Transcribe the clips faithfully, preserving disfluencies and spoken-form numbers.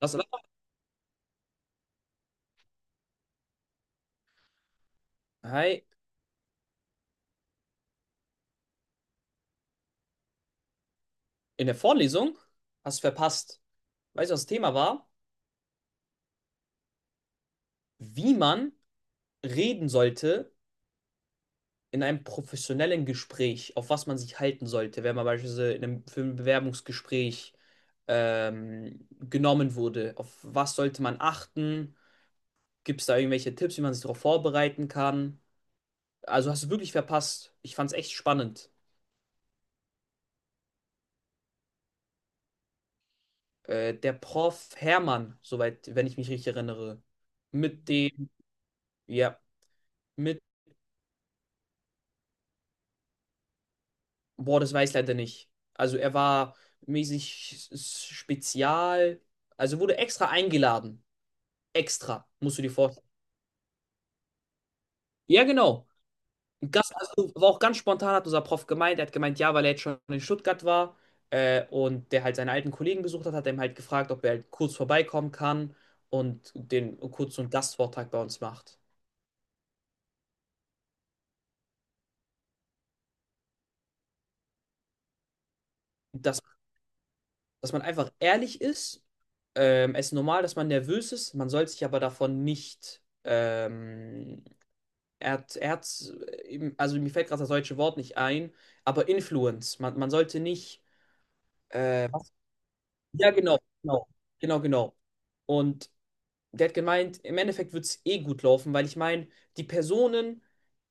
Lass. Hi, in der Vorlesung hast du verpasst. Weißt du, was das Thema war? Wie man reden sollte in einem professionellen Gespräch, auf was man sich halten sollte, wenn man beispielsweise in einem, für ein Bewerbungsgespräch ähm, genommen wurde. Auf was sollte man achten? Gibt es da irgendwelche Tipps, wie man sich darauf vorbereiten kann? Also hast du wirklich verpasst. Ich fand es echt spannend. Äh, der Professor Hermann, soweit, wenn ich mich richtig erinnere, mit dem, ja. Mit Boah, das weiß ich leider nicht. Also er war mäßig s- spezial, also wurde extra eingeladen. Extra, musst du dir vorstellen. Ja, genau. Gast, also war auch ganz spontan, hat unser Prof gemeint. Er hat gemeint, ja, weil er jetzt schon in Stuttgart war äh, und der halt seine alten Kollegen besucht hat, hat er ihm halt gefragt, ob er halt kurz vorbeikommen kann und den kurz so einen Gastvortrag bei uns macht. Dass, dass man einfach ehrlich ist. Ähm, es ist normal, dass man nervös ist, man soll sich aber davon nicht ähm, Er hat, er hat, eben- also mir fällt gerade das deutsche Wort nicht ein, aber Influence. Man, man sollte nicht, äh, Was? Ja, genau, genau, genau, genau. Und der hat gemeint, im Endeffekt wird es eh gut laufen, weil ich meine, die Personen,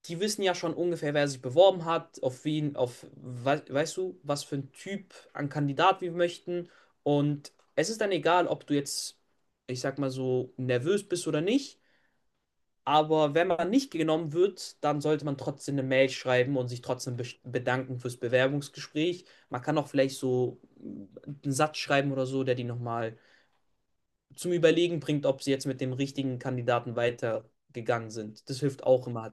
die wissen ja schon ungefähr, wer sich beworben hat, auf wen, auf, wei- weißt du, was für ein Typ an Kandidat wir möchten. Und es ist dann egal, ob du jetzt, ich sag mal so, nervös bist oder nicht. Aber wenn man nicht genommen wird, dann sollte man trotzdem eine Mail schreiben und sich trotzdem be- bedanken fürs Bewerbungsgespräch. Man kann auch vielleicht so mm, einen Satz schreiben oder so, der die nochmal zum Überlegen bringt, ob sie jetzt mit dem richtigen Kandidaten weitergegangen sind. Das hilft auch immer.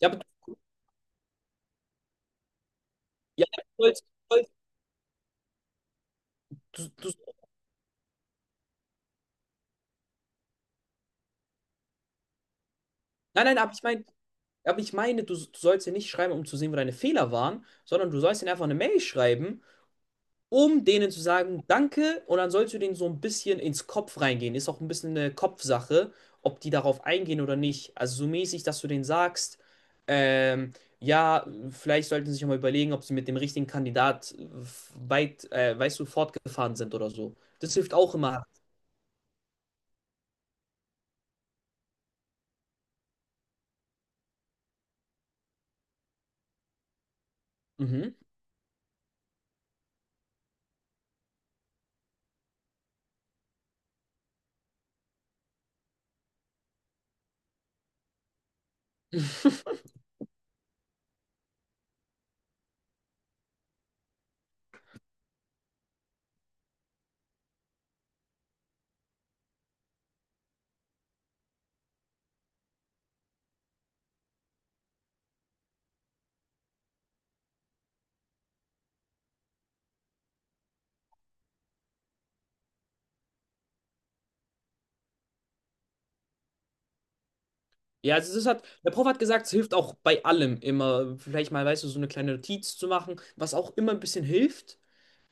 Ja, aber, ja, du sollst, du, sollst- du, du, nein, nein, aber ich meine, aber ich meine, du, du sollst ja nicht schreiben, um zu sehen, wo deine Fehler waren, sondern du sollst ihnen einfach eine Mail schreiben um denen zu sagen, danke, und dann sollst du denen so ein bisschen ins Kopf reingehen. Ist auch ein bisschen eine Kopfsache, ob die darauf eingehen oder nicht. Also so mäßig, dass du denen sagst, ähm, ja, vielleicht sollten sie sich auch mal überlegen, ob sie mit dem richtigen Kandidat äh, weit, äh, weißt du, fortgefahren sind oder so. Das hilft auch immer. Mhm. Ja, also das hat, der Prof hat gesagt, es hilft auch bei allem immer, vielleicht mal, weißt du, so eine kleine Notiz zu machen, was auch immer ein bisschen hilft.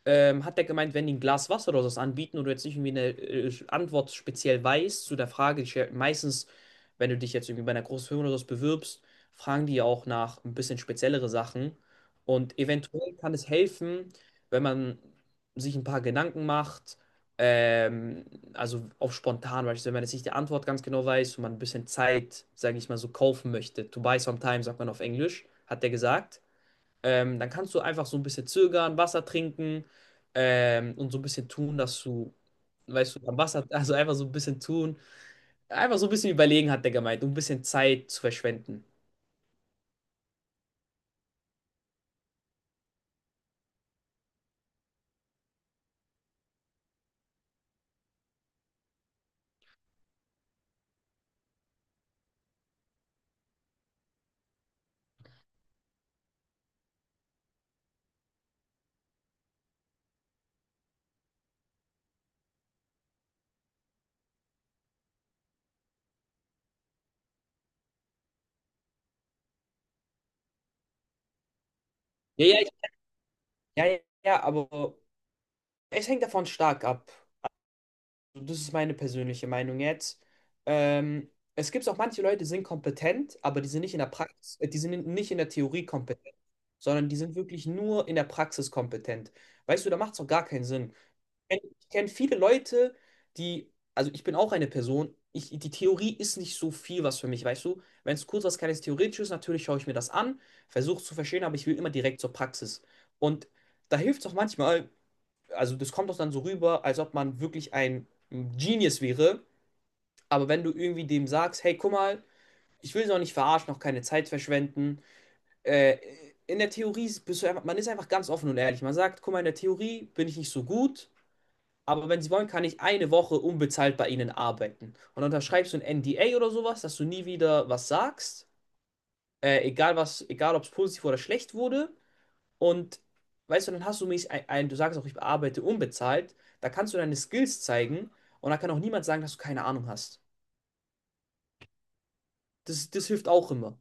Ähm, hat der gemeint, wenn die ein Glas Wasser oder sowas anbieten und du jetzt nicht irgendwie eine äh, Antwort speziell weißt zu der Frage, die stell- meistens, wenn du dich jetzt irgendwie bei einer großen Firma oder sowas bewirbst, fragen die ja auch nach ein bisschen speziellere Sachen. Und eventuell kann es helfen, wenn man sich ein paar Gedanken macht, ähm, also auf spontan, beispielsweise, wenn man jetzt nicht die Antwort ganz genau weiß und man ein bisschen Zeit, sage ich mal, so kaufen möchte. To buy some time, sagt man auf Englisch, hat der gesagt. Ähm, dann kannst du einfach so ein bisschen zögern, Wasser trinken ähm, und so ein bisschen tun, dass du, weißt du, am Wasser, also einfach so ein bisschen tun. Einfach so ein bisschen überlegen, hat der gemeint, um ein bisschen Zeit zu verschwenden. Ja, ja, ich, ja, ja, ja, aber es hängt davon stark ab. Das ist meine persönliche Meinung jetzt. Ähm, es gibt auch manche Leute, die sind kompetent, aber die sind nicht in der Praxis, äh, die sind in- nicht in der Theorie kompetent, sondern die sind wirklich nur in der Praxis kompetent. Weißt du, da macht es auch gar keinen Sinn. kenn- ich kenne viele Leute, die, also ich bin auch eine Person, ich, die Theorie ist nicht so viel was für mich, weißt du? Wenn es kurz was kleines Theoretisches ist, natürlich schaue ich mir das an, versuche es zu verstehen, aber ich will immer direkt zur Praxis. Und da hilft es auch manchmal, also das kommt auch dann so rüber, als ob man wirklich ein Genius wäre, aber wenn du irgendwie dem sagst, hey, guck mal, ich will sie auch nicht verarschen, noch keine Zeit verschwenden, äh, in der Theorie bist du einfach, man ist einfach ganz offen und ehrlich. Man sagt, guck mal, in der Theorie bin ich nicht so gut. Aber wenn sie wollen, kann ich eine Woche unbezahlt bei ihnen arbeiten. Und dann unterschreibst du ein N D A oder sowas, dass du nie wieder was sagst. Äh, egal was, egal ob es positiv oder schlecht wurde. Und weißt du, dann hast du mich ein, ein, du sagst auch, ich arbeite unbezahlt. Da kannst du deine Skills zeigen und da kann auch niemand sagen, dass du keine Ahnung hast. Das, das hilft auch immer.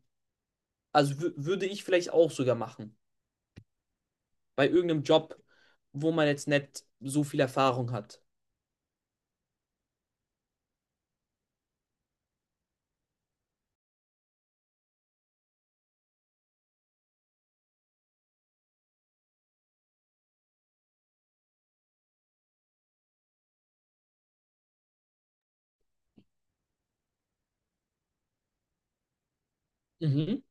Also wü- würde ich vielleicht auch sogar machen. Bei irgendeinem Job, wo man jetzt nicht so viel Erfahrung hat. Mhm.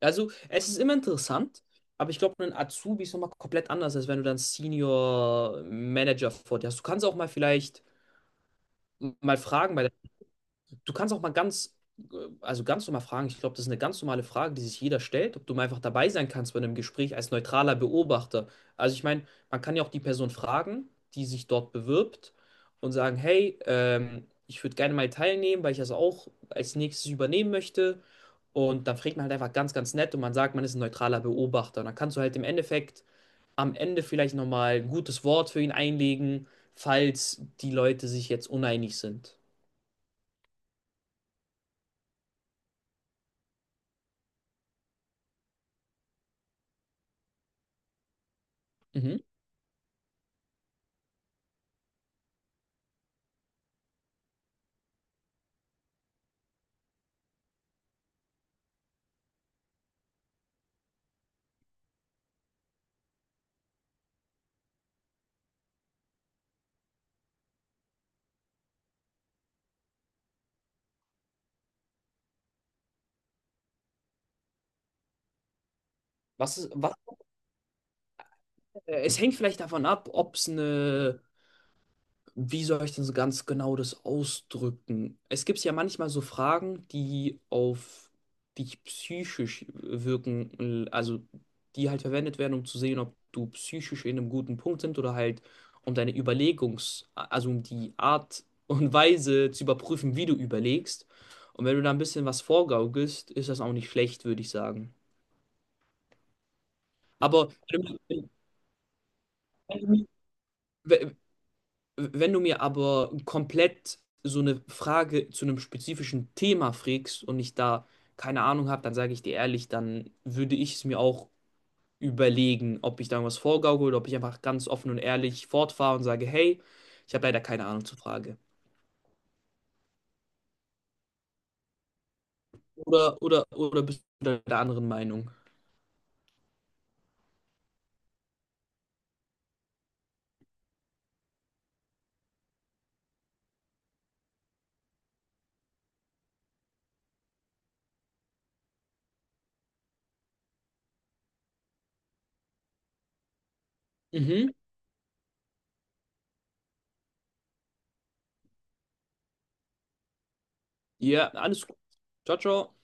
Also, es ist immer interessant, aber ich glaube, ein Azubi ist nochmal komplett anders, als wenn du dann Senior Manager vor dir hast. Du kannst auch mal vielleicht mal fragen bei du kannst auch mal ganz, äh, also ganz normal fragen. Ich glaube, das ist eine ganz normale Frage, die sich jeder stellt, ob du mal einfach dabei sein kannst bei einem Gespräch als neutraler Beobachter. Also ich meine, man kann ja auch die Person fragen, die sich dort bewirbt und sagen, hey, ähm, ich würde gerne mal teilnehmen, weil ich das auch als nächstes übernehmen möchte. Und dann fragt man halt einfach ganz, ganz nett und man sagt, man ist ein neutraler Beobachter. Und dann kannst du halt im Endeffekt am Ende vielleicht nochmal ein gutes Wort für ihn einlegen, falls die Leute sich jetzt uneinig sind. Mhm. Was ist, was Äh, Es hängt vielleicht davon ab, ob es eine, wie soll ich denn so ganz genau das ausdrücken? Es gibt ja manchmal so Fragen, die auf dich psychisch wirken, also die halt verwendet werden, um zu sehen, ob du psychisch in einem guten Punkt sind oder halt um deine Überlegungs-, also um die Art und Weise zu überprüfen, wie du überlegst. Und wenn du da ein bisschen was vorgaukelst, ist das auch nicht schlecht, würde ich sagen. Aber wenn du, wenn du, Wenn du mir aber komplett so eine Frage zu einem spezifischen Thema frägst und ich da keine Ahnung habe, dann sage ich dir ehrlich, dann würde ich es mir auch überlegen, ob ich da was vorgaukel oder ob ich einfach ganz offen und ehrlich fortfahre und sage, hey, ich habe leider keine Ahnung zur Frage. Oder, oder, oder bist du da der anderen Meinung? Mhm. Ja, alles gut. Ciao, ciao.